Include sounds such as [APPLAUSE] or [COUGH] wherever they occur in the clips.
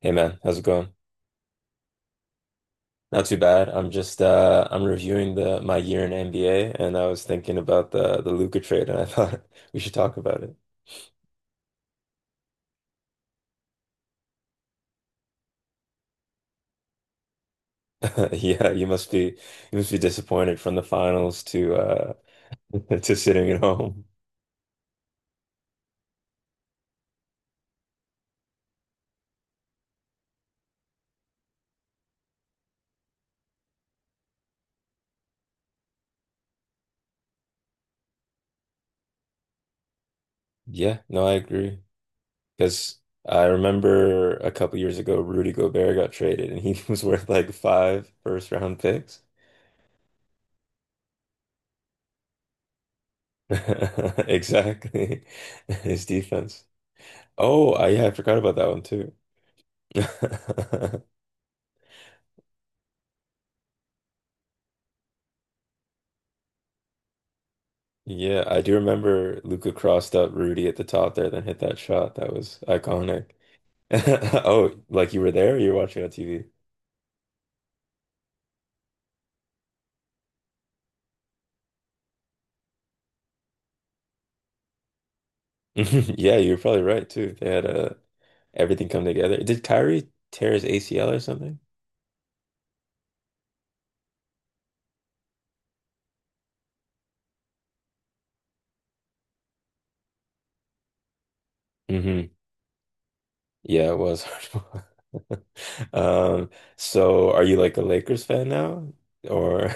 Hey man, how's it going? Not too bad. I'm just I'm reviewing the my year in NBA and I was thinking about the Luka trade and I thought [LAUGHS] we should talk about it. [LAUGHS] Yeah, you must be disappointed from the finals to [LAUGHS] to sitting at home. Yeah, no, I agree. Because I remember a couple years ago Rudy Gobert got traded and he [LAUGHS] was worth like five first round picks. [LAUGHS] Exactly. [LAUGHS] His defense. Oh, I, yeah, I forgot about that one too. [LAUGHS] Yeah, I do remember Luca crossed up Rudy at the top there, then hit that shot. That was iconic. [LAUGHS] Oh, like you were there or you were watching on TV? [LAUGHS] Yeah, you're probably right too. They had everything come together. Did Kyrie tear his ACL or something? hmm Yeah, it was [LAUGHS] hard to watch. Um, so are you like a Lakers fan now? Or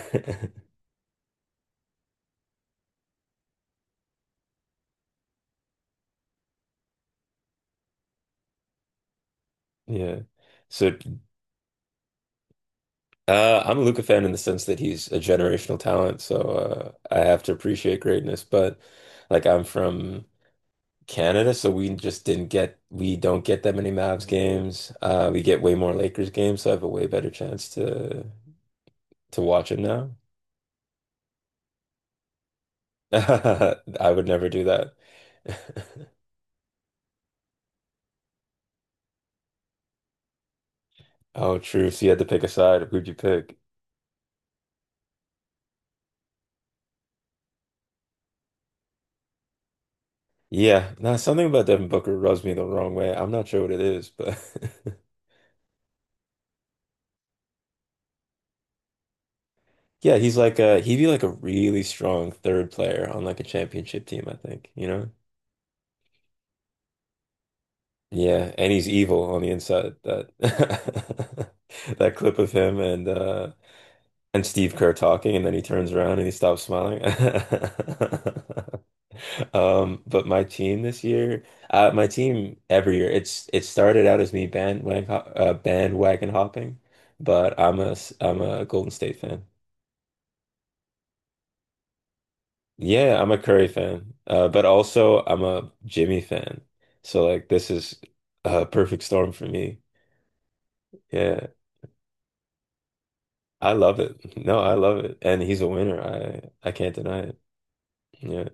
[LAUGHS] yeah. So I'm a Luca fan in the sense that he's a generational talent, so I have to appreciate greatness. But like, I'm from Canada, so we just didn't get we don't get that many Mavs games. We get way more Lakers games, so I have a way better chance to watch it now. [LAUGHS] I would never do that. [LAUGHS] Oh, true. So you had to pick a side. Who'd you pick? Yeah, now something about Devin Booker rubs me the wrong way. I'm not sure what it is, but [LAUGHS] Yeah, he's like a he'd be like a really strong third player on like a championship team, I think, you know? Yeah, and he's evil on the inside. That [LAUGHS] that clip of him and and Steve Kerr talking and then he turns around and he stops smiling. [LAUGHS] But my team this year, my team every year, it started out as me bandwagon bandwagon hopping, but I'm a Golden State fan. Yeah, I'm a Curry fan, but also I'm a Jimmy fan. So like this is a perfect storm for me. Yeah, I love it. [LAUGHS] No, I love it, and he's a winner. I can't deny it. Yeah,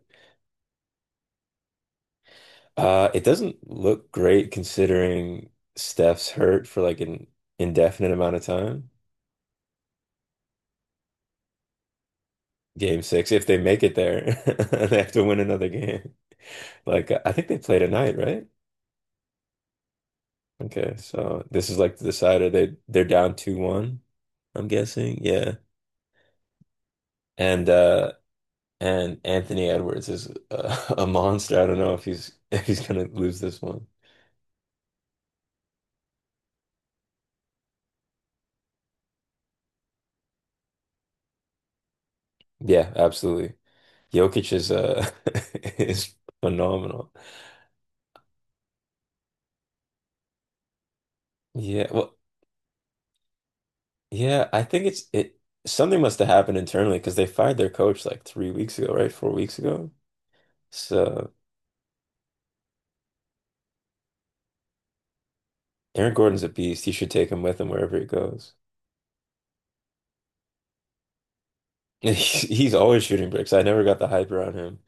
it doesn't look great considering Steph's hurt for like an indefinite amount of time. Game six, if they make it there, [LAUGHS] they have to win another game. [LAUGHS] Like I think they play tonight, right? Okay, so this is like the decider. They're down 2-1. I'm guessing. Yeah. And uh and Anthony Edwards is a [LAUGHS] a monster. I don't know if he's [LAUGHS] if he's gonna lose this one. Yeah, absolutely. Jokic is [LAUGHS] is phenomenal. Yeah, well, yeah, I think it's it something must have happened internally because they fired their coach like 3 weeks ago, right? 4 weeks ago. So Aaron Gordon's a beast. He should take him with him wherever he goes. [LAUGHS] He's always shooting bricks. I never got the hype around him.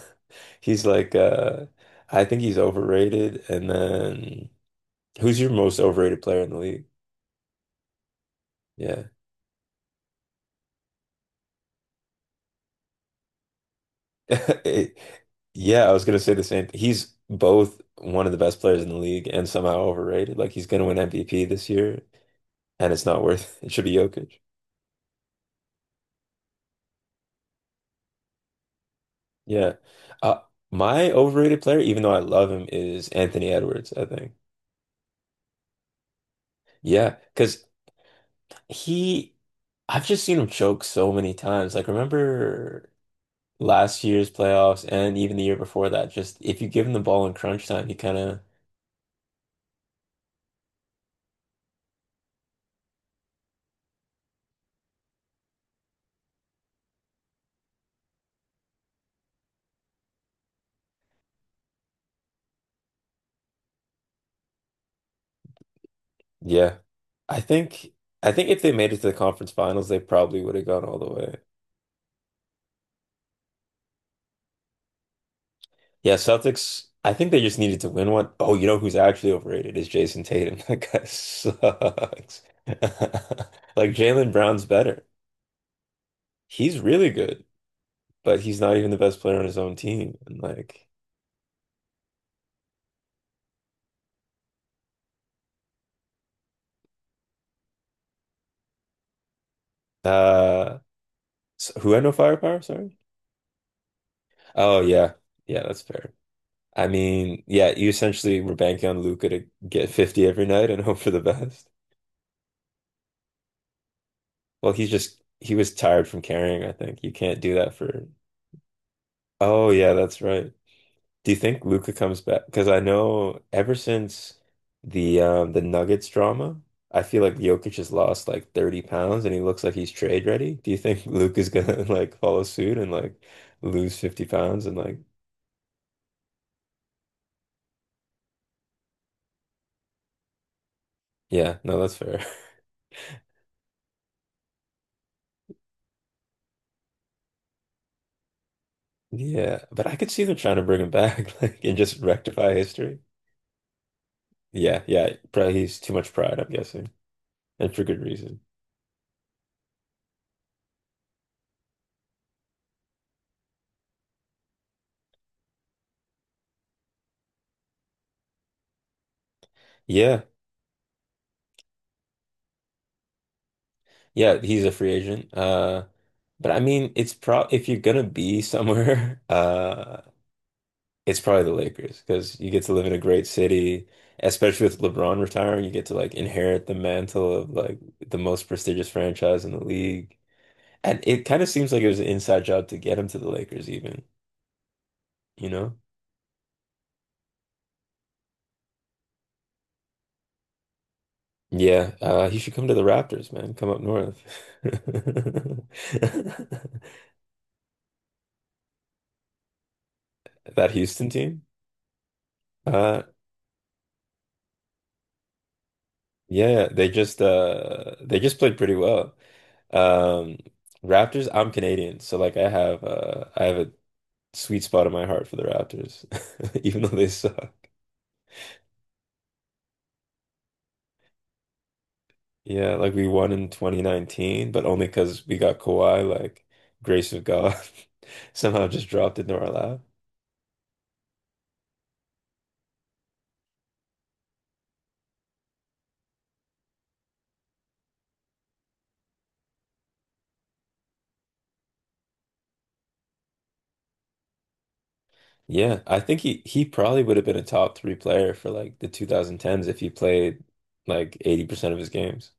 [LAUGHS] He's like I think he's overrated and then Who's your most overrated player in the league? Yeah. [LAUGHS] It- yeah, I was gonna say the same thing. He's both one of the best players in the league and somehow overrated. Like he's gonna win MVP this year, and it's not worth [LAUGHS] it. Should be Jokic. Yeah. Uh, my overrated player, even though I love him, is Anthony Edwards, I think. Yeah, because he, I've just seen him choke so many times. Like, remember last year's playoffs and even the year before that, just if you give him the ball in crunch time, he kind of Yeah. I think I think if they made it to the conference finals, they probably would have gone all the way. Yeah, Celtics, I think they just needed to win one. Oh, you know who's actually overrated is Jason Tatum. [LAUGHS] That guy sucks. [LAUGHS] Like Jalen Brown's better. He's really good, but he's not even the best player on his own team. And like uh who had no firepower, sorry? Oh yeah. Yeah, that's fair. I mean, yeah, you essentially were banking on Luca to get 50 every night and [LAUGHS] hope for the best. Well, he was tired from carrying, I think. You can't do that for Oh yeah, that's right. Do you think Luca comes back? Because I know ever since the Nuggets drama, I feel like Jokic has lost like 30 pounds and he looks like he's trade ready. Do you think Luca's gonna [LAUGHS] like follow suit and like lose 50 pounds and like yeah, no, that's fair. [LAUGHS] Yeah, but I could see them trying to bring him back [LAUGHS] like and just rectify history. Yeah, yeah, probably he's too much pride, I'm guessing, and for good reason. Yeah. Yeah, he's a free agent. But I mean, it's pro if you're gonna be somewhere, [LAUGHS] it's probably the Lakers because you get to live in a great city, especially with LeBron retiring, you get to like inherit the mantle of like the most prestigious franchise in the league. And it kind of seems like it was an inside job to get him to the Lakers even, you know? Yeah, he should come to the Raptors, man. Come up north. [LAUGHS] That Houston team? Uh, Yeah, they just played pretty well. Um Raptors, I'm Canadian, so like I have a sweet spot in my heart for the Raptors, [LAUGHS] even though they suck. Yeah, like we won in 2019, but only because we got Kawhi, like grace of God, [LAUGHS] somehow just dropped into our lap. Yeah, I think he probably would have been a top three player for like the 2010s if he played like 80% of his games.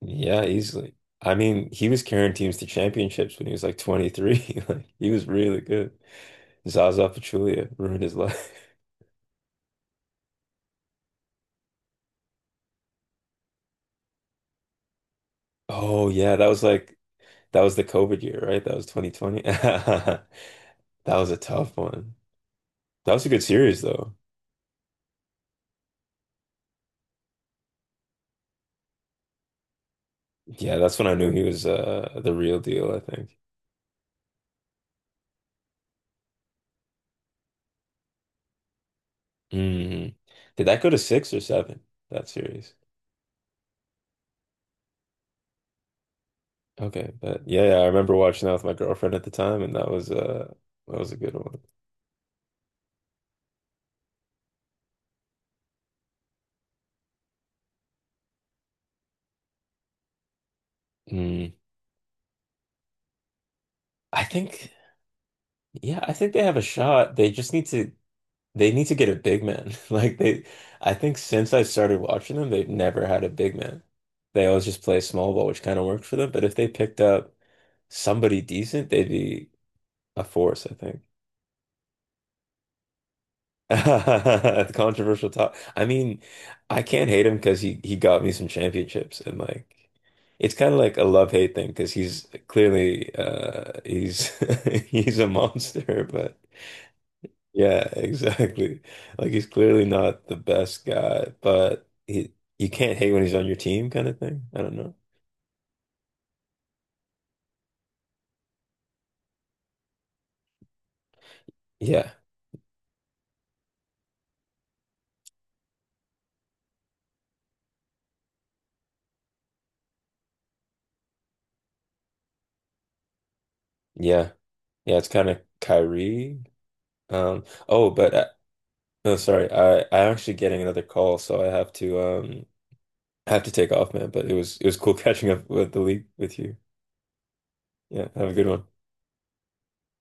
Yeah, easily. I mean, he was carrying teams to championships when he was like 23. [LAUGHS] Like he was really good. Zaza Pachulia ruined his life. [LAUGHS] Oh yeah, that was the COVID year, right? That was 2020. [LAUGHS] That was a tough one. That was a good series though. Yeah, that's when I knew he was the real deal, I think. Mm. Did that go to six or seven, that series? Okay, but yeah, yeah, I remember watching that with my girlfriend at the time, and that was a good one. Mm. I think. Yeah, I think they have a shot. They need to get a big man. [LAUGHS] Like they I think since I started watching them, they've never had a big man. They always just play small ball, which kind of worked for them. But if they picked up somebody decent, they'd be a force, I think. [LAUGHS] The Controversial talk. I mean, I can't hate him because he got me some championships and like it's kind of like a love hate thing because he's clearly he's [LAUGHS] he's a monster, but Yeah, [LAUGHS] exactly. Like he's clearly not the best guy, but he you can't hate when he's on your team kind of thing. I don't know. Yeah. Yeah. Yeah, it's kind of Kyrie. Oh, but no, sorry. I'm actually getting another call, so I have to take off, man, but it was cool [LAUGHS] catching up with the league with you. Yeah, have a good one.